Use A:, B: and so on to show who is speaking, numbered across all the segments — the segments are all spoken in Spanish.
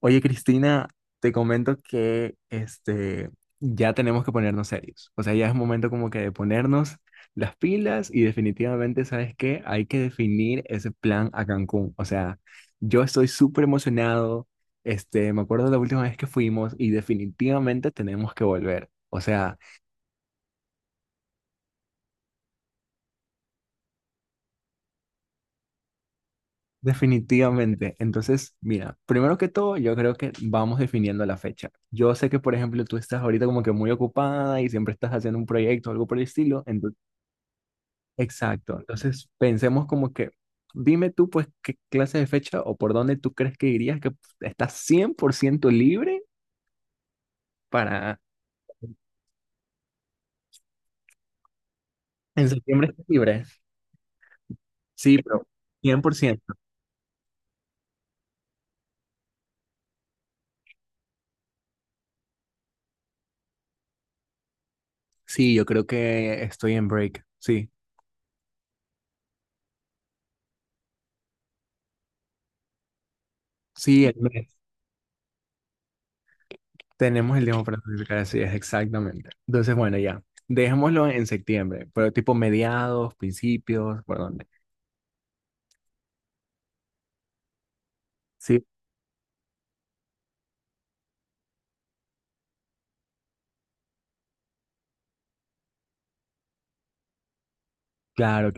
A: Oye, Cristina, te comento que ya tenemos que ponernos serios. O sea, ya es momento como que de ponernos las pilas y definitivamente, ¿sabes qué? Hay que definir ese plan a Cancún. O sea, yo estoy súper emocionado. Me acuerdo la última vez que fuimos y definitivamente tenemos que volver. O sea, definitivamente. Entonces, mira, primero que todo, yo creo que vamos definiendo la fecha. Yo sé que, por ejemplo, tú estás ahorita como que muy ocupada y siempre estás haciendo un proyecto o algo por el estilo. Exacto. Entonces, pensemos como que, dime tú, pues, qué clase de fecha o por dónde tú crees que irías, que estás 100% libre para. En septiembre estás libre. Sí, pero 100%. Sí, yo creo que estoy en break. Sí, sí, el mes. Tenemos el tiempo para planificar, así es, exactamente. Entonces, bueno, ya. Dejémoslo en septiembre, pero tipo mediados, principios, por dónde. Sí, claro.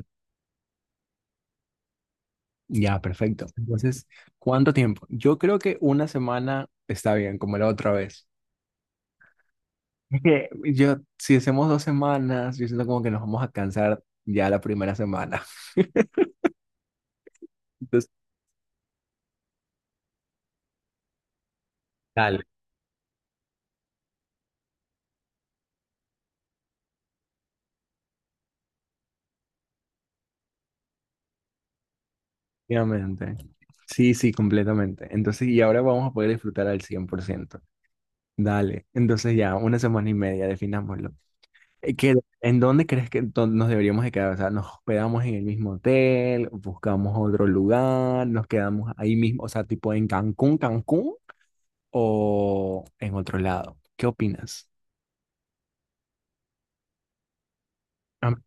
A: Ya, perfecto. Entonces, ¿cuánto tiempo? Yo creo que una semana está bien, como la otra vez. Es que yo, si hacemos 2 semanas, yo siento como que nos vamos a cansar ya la primera semana. Entonces. Dale. Efectivamente. Sí, sí, completamente. Entonces, y ahora vamos a poder disfrutar al 100%. Dale. Entonces ya, una semana y media, definámoslo. Eh, ¿qué- en dónde crees que nos deberíamos de quedar? O sea, nos hospedamos en el mismo hotel, buscamos otro lugar, nos quedamos ahí mismo, o sea, tipo en Cancún, Cancún o en otro lado. ¿Qué opinas? Am-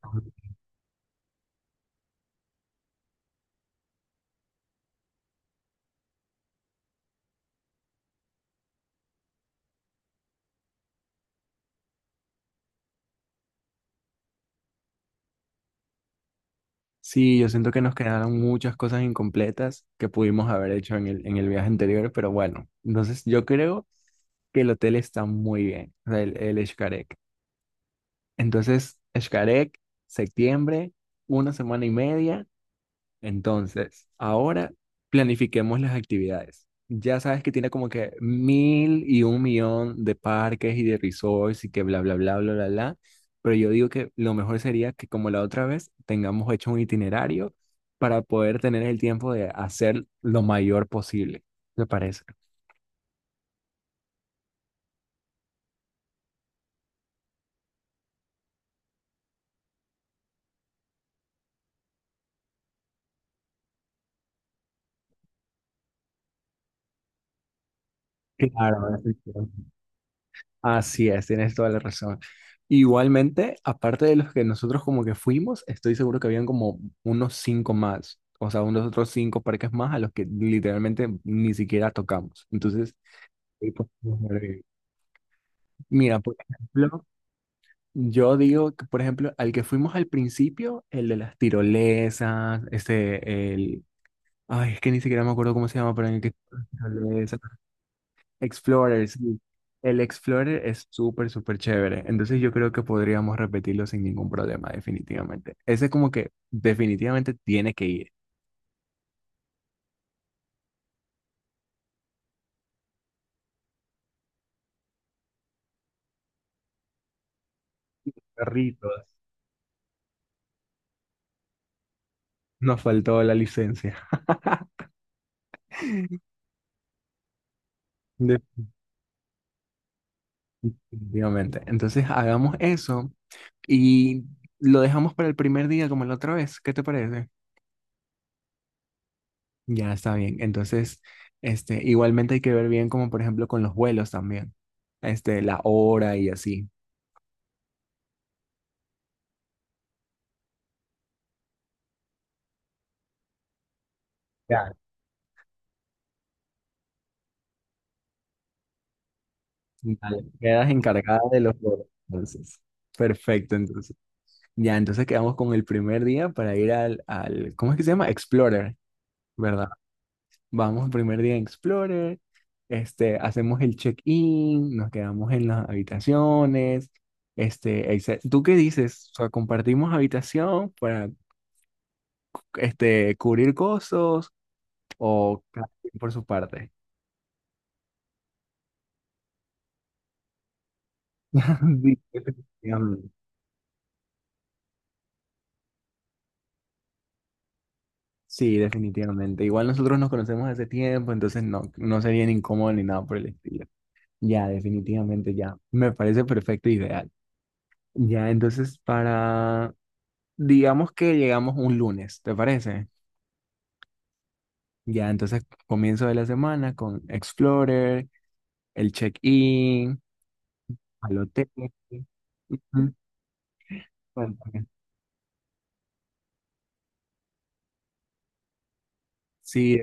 A: Sí, yo siento que nos quedaron muchas cosas incompletas que pudimos haber hecho en el viaje anterior, pero bueno, entonces yo creo que el hotel está muy bien, o sea, el Xcaret. Entonces, Xcaret, septiembre, una semana y media. Entonces, ahora planifiquemos las actividades. Ya sabes que tiene como que mil y un millón de parques y de resorts y que bla, bla, bla, bla, bla, bla. Pero yo digo que lo mejor sería que como la otra vez tengamos hecho un itinerario para poder tener el tiempo de hacer lo mayor posible. ¿Te parece? Claro, ahora sí. Así es, tienes toda la razón. Igualmente, aparte de los que nosotros como que fuimos, estoy seguro que habían como unos cinco más, o sea, unos otros cinco parques más a los que literalmente ni siquiera tocamos. Entonces, ahí pues, nos agregué. Mira, por ejemplo, yo digo que, por ejemplo, al que fuimos al principio, el de las tirolesas, ay, es que ni siquiera me acuerdo cómo se llama, pero en el que Explorer, sí. El Explorer es súper, súper chévere. Entonces yo creo que podríamos repetirlo sin ningún problema, definitivamente. Ese es como que definitivamente tiene que ir. Perritos. Nos faltó la licencia. Definitivamente. Entonces hagamos eso y lo dejamos para el primer día como la otra vez. ¿Qué te parece? Ya está bien. Entonces, igualmente hay que ver bien como por ejemplo con los vuelos también. La hora y así. Ya. Vale, quedas encargada de los dos, entonces. Perfecto, entonces. Ya, entonces quedamos con el primer día para ir al, ¿cómo es que se llama? Explorer, ¿verdad? Vamos, primer día en Explorer, hacemos el check-in, nos quedamos en las habitaciones, etc. ¿Tú qué dices? O sea, ¿compartimos habitación para, cubrir costos o cada quien por su parte? Sí, definitivamente. Sí, definitivamente. Igual nosotros nos conocemos hace tiempo, entonces no sería ni incómodo ni nada por el estilo. Ya, definitivamente, ya. Me parece perfecto e ideal. Ya, entonces para, digamos que llegamos un lunes, ¿te parece? Ya, entonces comienzo de la semana con Explorer, el check-in, al hotel. Ujú, cuéntame. Sí,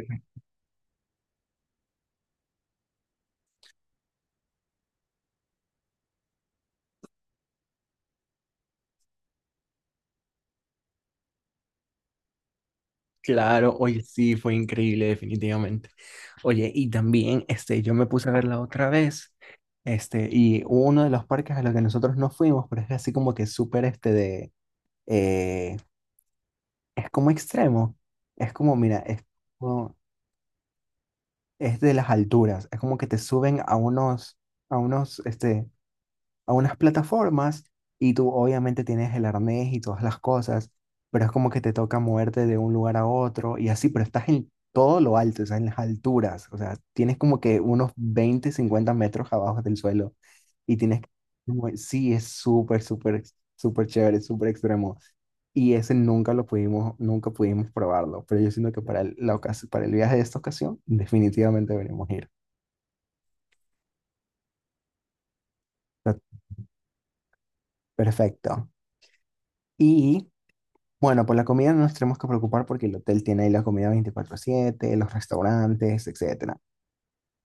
A: claro, oye, sí, fue increíble, definitivamente. Oye, y también, yo me puse a verla otra vez, y hubo uno de los parques a los que nosotros no fuimos, pero es así como que súper, eh, es como extremo, es como, mira, como- es de las alturas, es como que te suben a unos, a unos, este, a unas plataformas y tú obviamente tienes el arnés y todas las cosas, pero es como que te toca moverte de un lugar a otro y así, pero estás en todo lo alto, o sea, en las alturas, o sea, tienes como que unos 20 50 metros abajo del suelo y tienes que. Sí, es súper, súper, súper chévere, súper extremo. Y ese nunca lo pudimos, nunca pudimos probarlo, pero yo siento que para el viaje de esta ocasión definitivamente deberíamos ir. Está. Perfecto. Y Bueno, por la comida no nos tenemos que preocupar porque el hotel tiene ahí la comida 24/7 los restaurantes, etcétera.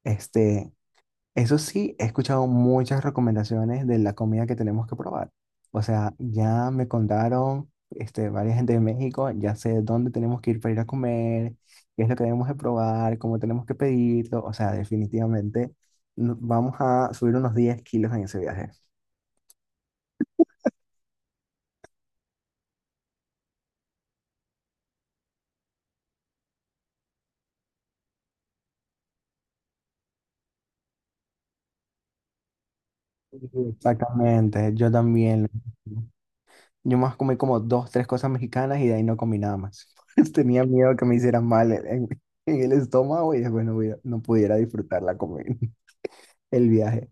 A: Este, eso sí, he escuchado muchas recomendaciones de la comida que tenemos que probar. O sea, ya me contaron, varias gente de México, ya sé dónde tenemos que ir para ir a comer, qué es lo que debemos de probar, cómo tenemos que pedirlo. O sea, definitivamente vamos a subir unos 10 kilos en ese viaje. Exactamente, yo también. Yo más comí como dos, tres cosas mexicanas y de ahí no comí nada más. Tenía miedo que me hicieran mal en el estómago y después no pudiera disfrutar la comida, el viaje.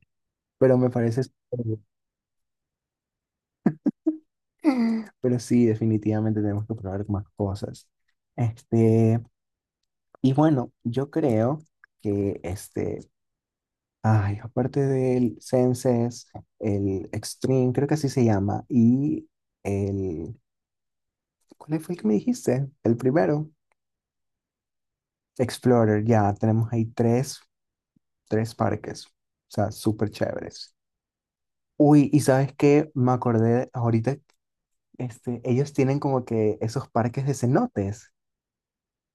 A: Pero me parece súper bien. Pero sí, definitivamente tenemos que probar más cosas. Este, y bueno, yo creo que aparte del Senses, el Extreme, creo que así se llama, y el, ¿cuál fue el que me dijiste? El primero. Explorer, ya tenemos ahí tres parques, o sea, súper chéveres. Uy, y sabes qué, me acordé ahorita, ellos tienen como que esos parques de cenotes,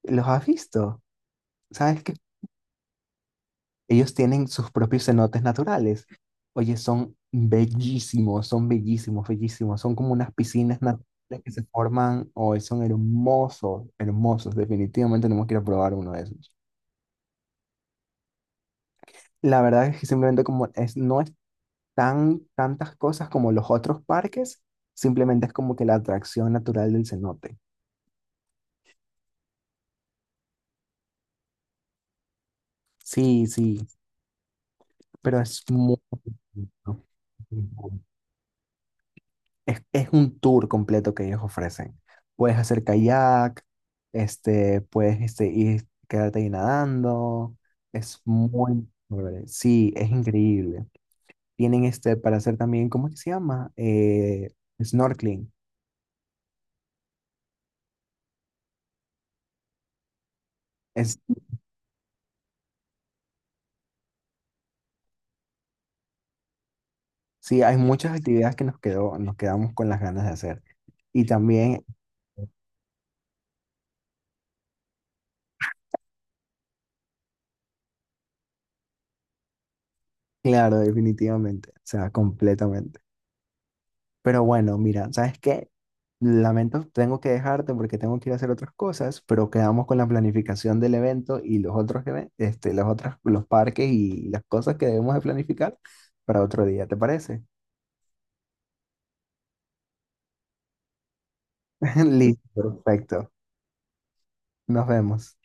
A: ¿los has visto? ¿Sabes qué? Ellos tienen sus propios cenotes naturales. Oye, son bellísimos, bellísimos, son como unas piscinas naturales que se forman, hoy son hermosos, hermosos, definitivamente tenemos que ir a probar uno de esos. La verdad es que simplemente como es, no tantas cosas como los otros parques, simplemente es como que la atracción natural del cenote. Sí, sí, pero es muy bonito. Es un tour completo que ellos ofrecen. Puedes hacer kayak, puedes ir, quedarte ahí nadando. Es muy chévere. Sí, es increíble. Tienen para hacer también, ¿cómo es que se llama? Snorkeling. Sí, hay muchas actividades que nos quedamos con las ganas de hacer. Y también, claro, definitivamente, o sea, completamente. Pero bueno, mira, ¿sabes qué? Lamento, tengo que dejarte porque tengo que ir a hacer otras cosas, pero quedamos con la planificación del evento y los otros, los parques y las cosas que debemos de planificar para otro día, ¿te parece? Listo, perfecto. Nos vemos.